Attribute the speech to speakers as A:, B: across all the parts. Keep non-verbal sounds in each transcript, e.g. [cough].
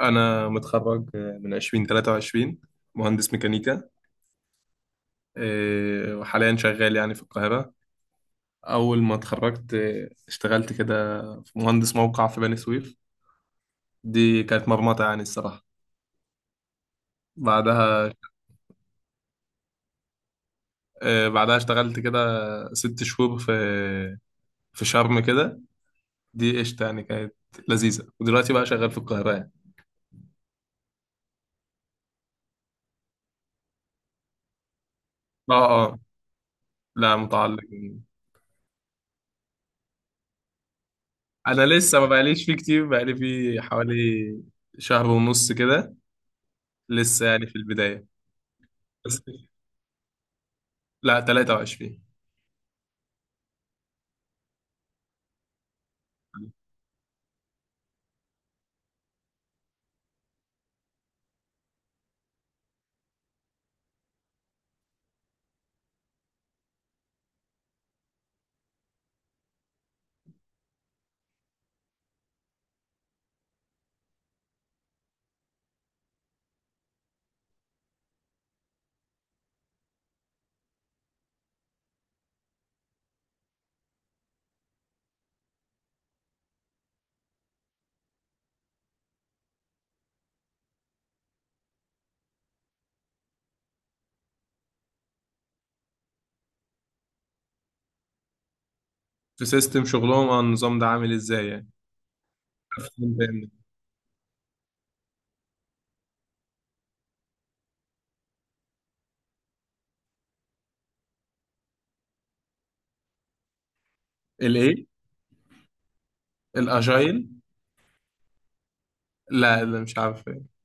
A: أنا متخرج من 2023، مهندس ميكانيكا. وحاليا شغال يعني في القاهرة. أول ما اتخرجت اشتغلت كده في مهندس موقع في بني سويف. دي كانت مرمطة يعني الصراحة. بعدها بعدها اشتغلت كده 6 شهور في شرم كده. دي قشطة يعني كانت لذيذة، ودلوقتي بقى شغال في القاهرة يعني. اه، اه، لا متعلق. أنا لسه ما بقاليش فيه كتير، بقالي فيه حوالي شهر ونص كده، لسه يعني في البداية. لا، 23. في سيستم شغلهم، اه، النظام ده عامل ازاي يعني أفهم تاني. الايه؟ الاجايل؟ لا لا، مش عارف إيه.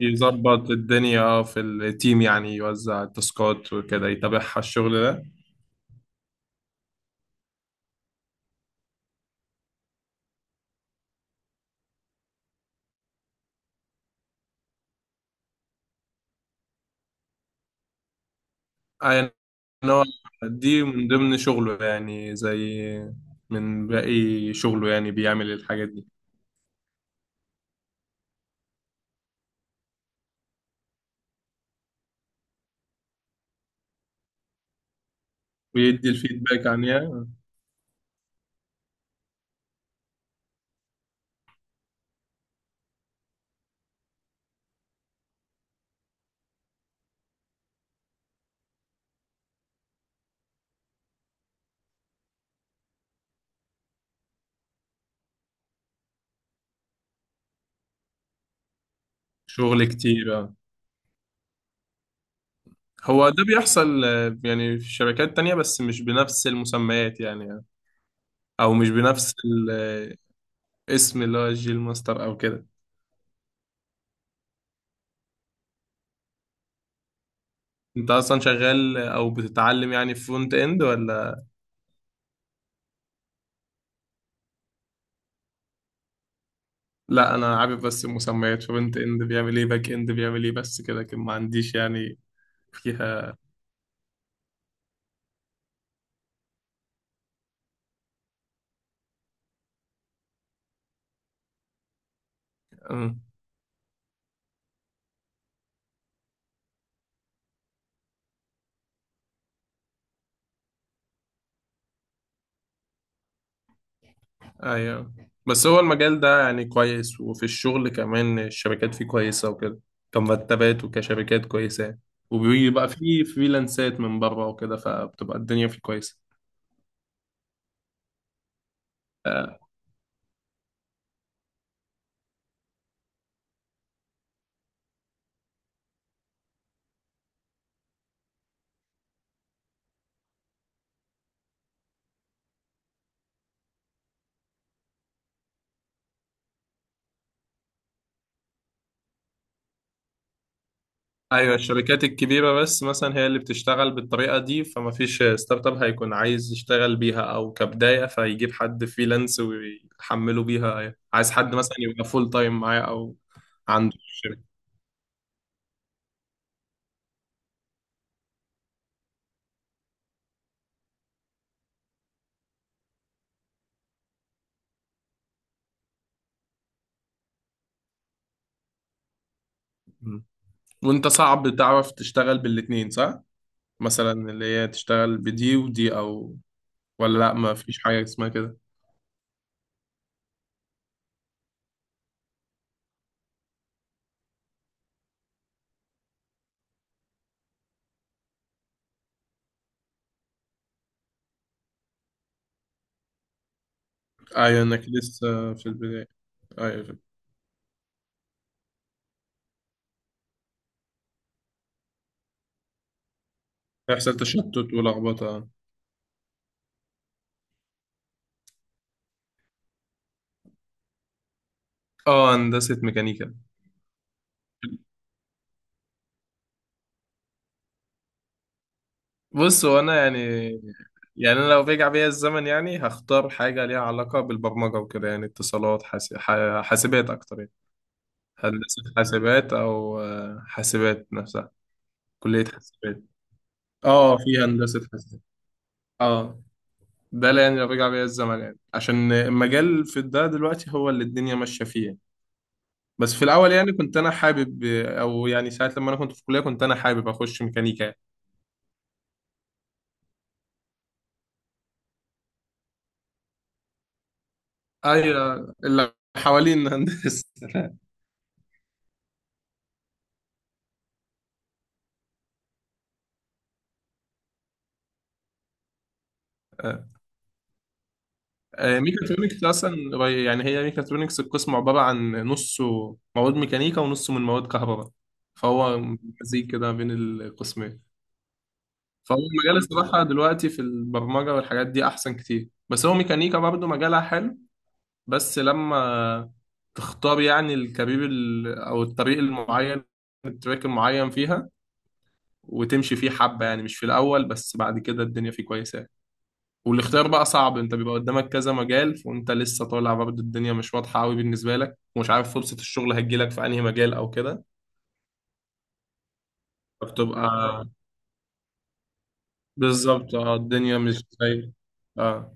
A: يظبط الدنيا، اه، في التيم يعني يوزع التاسكات وكده، يتابعها الشغل ده. آه، يعني هو دي من ضمن شغله يعني، زي من باقي شغله يعني بيعمل الحاجات دي. ويدي الفيدباك عنها. شغل كتير. هو ده بيحصل، يعني في شركات تانية، بس مش بنفس المسميات يعني، او مش بنفس الاسم اللي هو الجيل ماستر او كده. انت اصلا شغال او بتتعلم يعني في فرونت اند ولا؟ لا، انا عارف بس المسميات، فرونت اند بيعمل ايه، باك اند بيعمل ايه، بس كده، لكن ما عنديش يعني فيها. أمم، ايوه. بس هو المجال ده يعني كويس، وفي الشغل كمان الشبكات فيه كويسة وكده، كمرتبات وكشبكات كويسة، وبيبقى فيه فريلانسات من بره وكده، فبتبقى الدنيا فيه كويسة. آه، ايوه، الشركات الكبيره بس مثلا هي اللي بتشتغل بالطريقه دي، فما فيش ستارت اب هيكون عايز يشتغل بيها، او كبدايه فيجيب حد فريلانس ويحمله بيها. أيوة. عايز حد مثلا يبقى فول تايم معاه او عنده في الشركه. مم. وانت صعب تعرف تشتغل بالاتنين صح؟ مثلا اللي هي تشتغل بدي ودي، او ولا لا، ما فيش حاجه اسمها كده؟ ايوه، انك لسه في البدايه. ايوه، يحصل تشتت ولخبطه. اه، هندسه ميكانيكا. بص هو انا يعني، يعني انا لو رجع بيا الزمن يعني هختار حاجه ليها علاقه بالبرمجه وكده يعني، اتصالات، حاسب، حاسبات اكتر يعني. هندسه حاسبات او حاسبات نفسها، كليه حاسبات. اه، في هندسه حاسبات. اه، ده اللي يعني لو رجع بيا الزمن يعني، عشان المجال في ده دلوقتي هو اللي الدنيا ماشيه فيه يعني. بس في الاول يعني كنت انا حابب، او يعني ساعه لما انا كنت في الكليه كنت انا حابب اخش ميكانيكا يعني. ايوه، اللي حوالين هندسه. [laughs] ميكاترونكس اصلا يعني هي ميكاترونكس، القسم عباره عن نصه مواد ميكانيكا ونصه من مواد كهرباء، فهو مزيج كده بين القسمين. فهو المجال الصراحه دلوقتي في البرمجه والحاجات دي احسن كتير، بس هو ميكانيكا برضه مجالها حلو. بس لما تختار يعني الكارير او الطريق المعين، التراك المعين فيها، وتمشي فيه حبه يعني، مش في الاول بس، بعد كده الدنيا فيه كويسه. والاختيار بقى صعب، انت بيبقى قدامك كذا مجال، وانت لسه طالع برضه الدنيا مش واضحة قوي بالنسبة لك، ومش عارف فرصة الشغل هتجيلك في انهي مجال او كده، فبتبقى. بالظبط، اه، الدنيا مش زي. اه،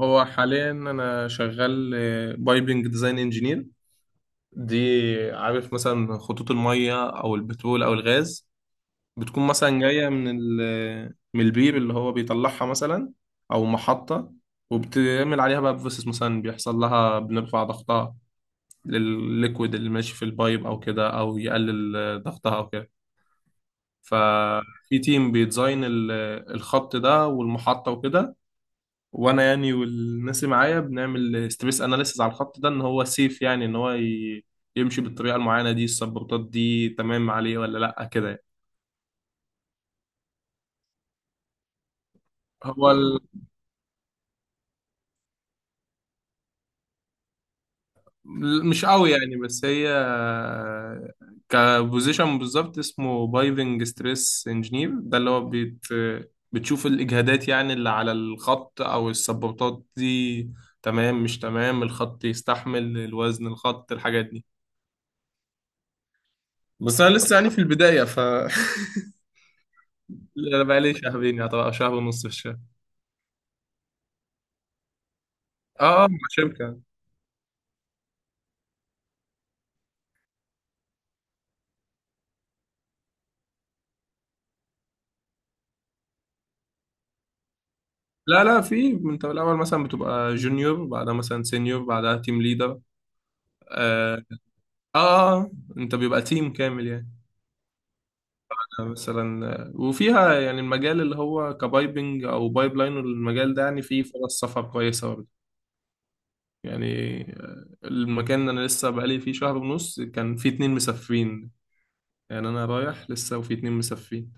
A: هو حاليا انا شغال بايبنج ديزاين انجينير. دي عارف مثلا خطوط المية او البترول او الغاز، بتكون مثلا جاية من من البير اللي هو بيطلعها مثلا، او محطة، وبتعمل عليها بقى بروسيس مثلا بيحصل لها، بنرفع ضغطها للليكويد اللي ماشي في البايب او كده، او يقلل ضغطها او كده. ففي تيم بيديزاين الخط ده والمحطة وكده، وانا يعني والناس اللي معايا بنعمل ستريس اناليسيز على الخط ده، ان هو سيف يعني، ان هو يمشي بالطريقة المعينة دي، السبورتات دي تمام عليه ولا لا كده يعني. هو ال مش قوي يعني، بس هي كبوزيشن بالظبط، اسمه بايفنج ستريس انجينير، ده اللي هو بيت، بتشوف الاجهادات يعني اللي على الخط او السبورتات دي، تمام مش تمام، الخط يستحمل الوزن، الخط الحاجات دي. بس انا لسه يعني في البدايه ف [laughs] انا بقالي شهرين يعني، طبعا شهر ونص في الشهر. اه، اه، مع شركه. لا لا، في، انت الاول مثلا بتبقى جونيور، بعدها مثلا سينيور، بعدها تيم ليدر. اه، انت بيبقى تيم كامل يعني. مثلا، وفيها يعني المجال اللي هو كبايبنج او بايب لاين، المجال ده يعني فيه فرص سفر كويسه برضه يعني. المكان اللي انا لسه بقالي فيه شهر ونص، كان فيه 2 مسافرين يعني، انا رايح لسه وفيه 2 مسافرين،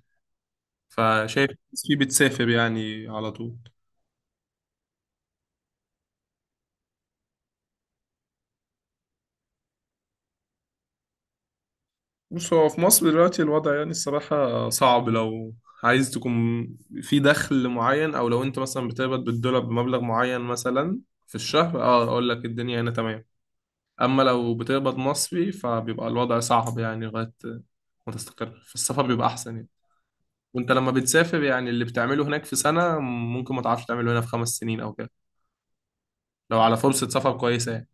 A: فشايف ناس فيه بتسافر يعني على طول. بص، هو في مصر دلوقتي الوضع يعني الصراحة صعب، لو عايز تكون في دخل معين، أو لو أنت مثلا بتقبض بالدولار بمبلغ معين مثلا في الشهر، أقول لك الدنيا هنا تمام. أما لو بتقبض مصري فبيبقى الوضع صعب يعني، لغاية ما تستقر في السفر بيبقى أحسن يعني. وأنت لما بتسافر يعني اللي بتعمله هناك في سنة ممكن ما تعرفش تعمله هنا في 5 سنين أو كده، لو على فرصة سفر كويسة يعني.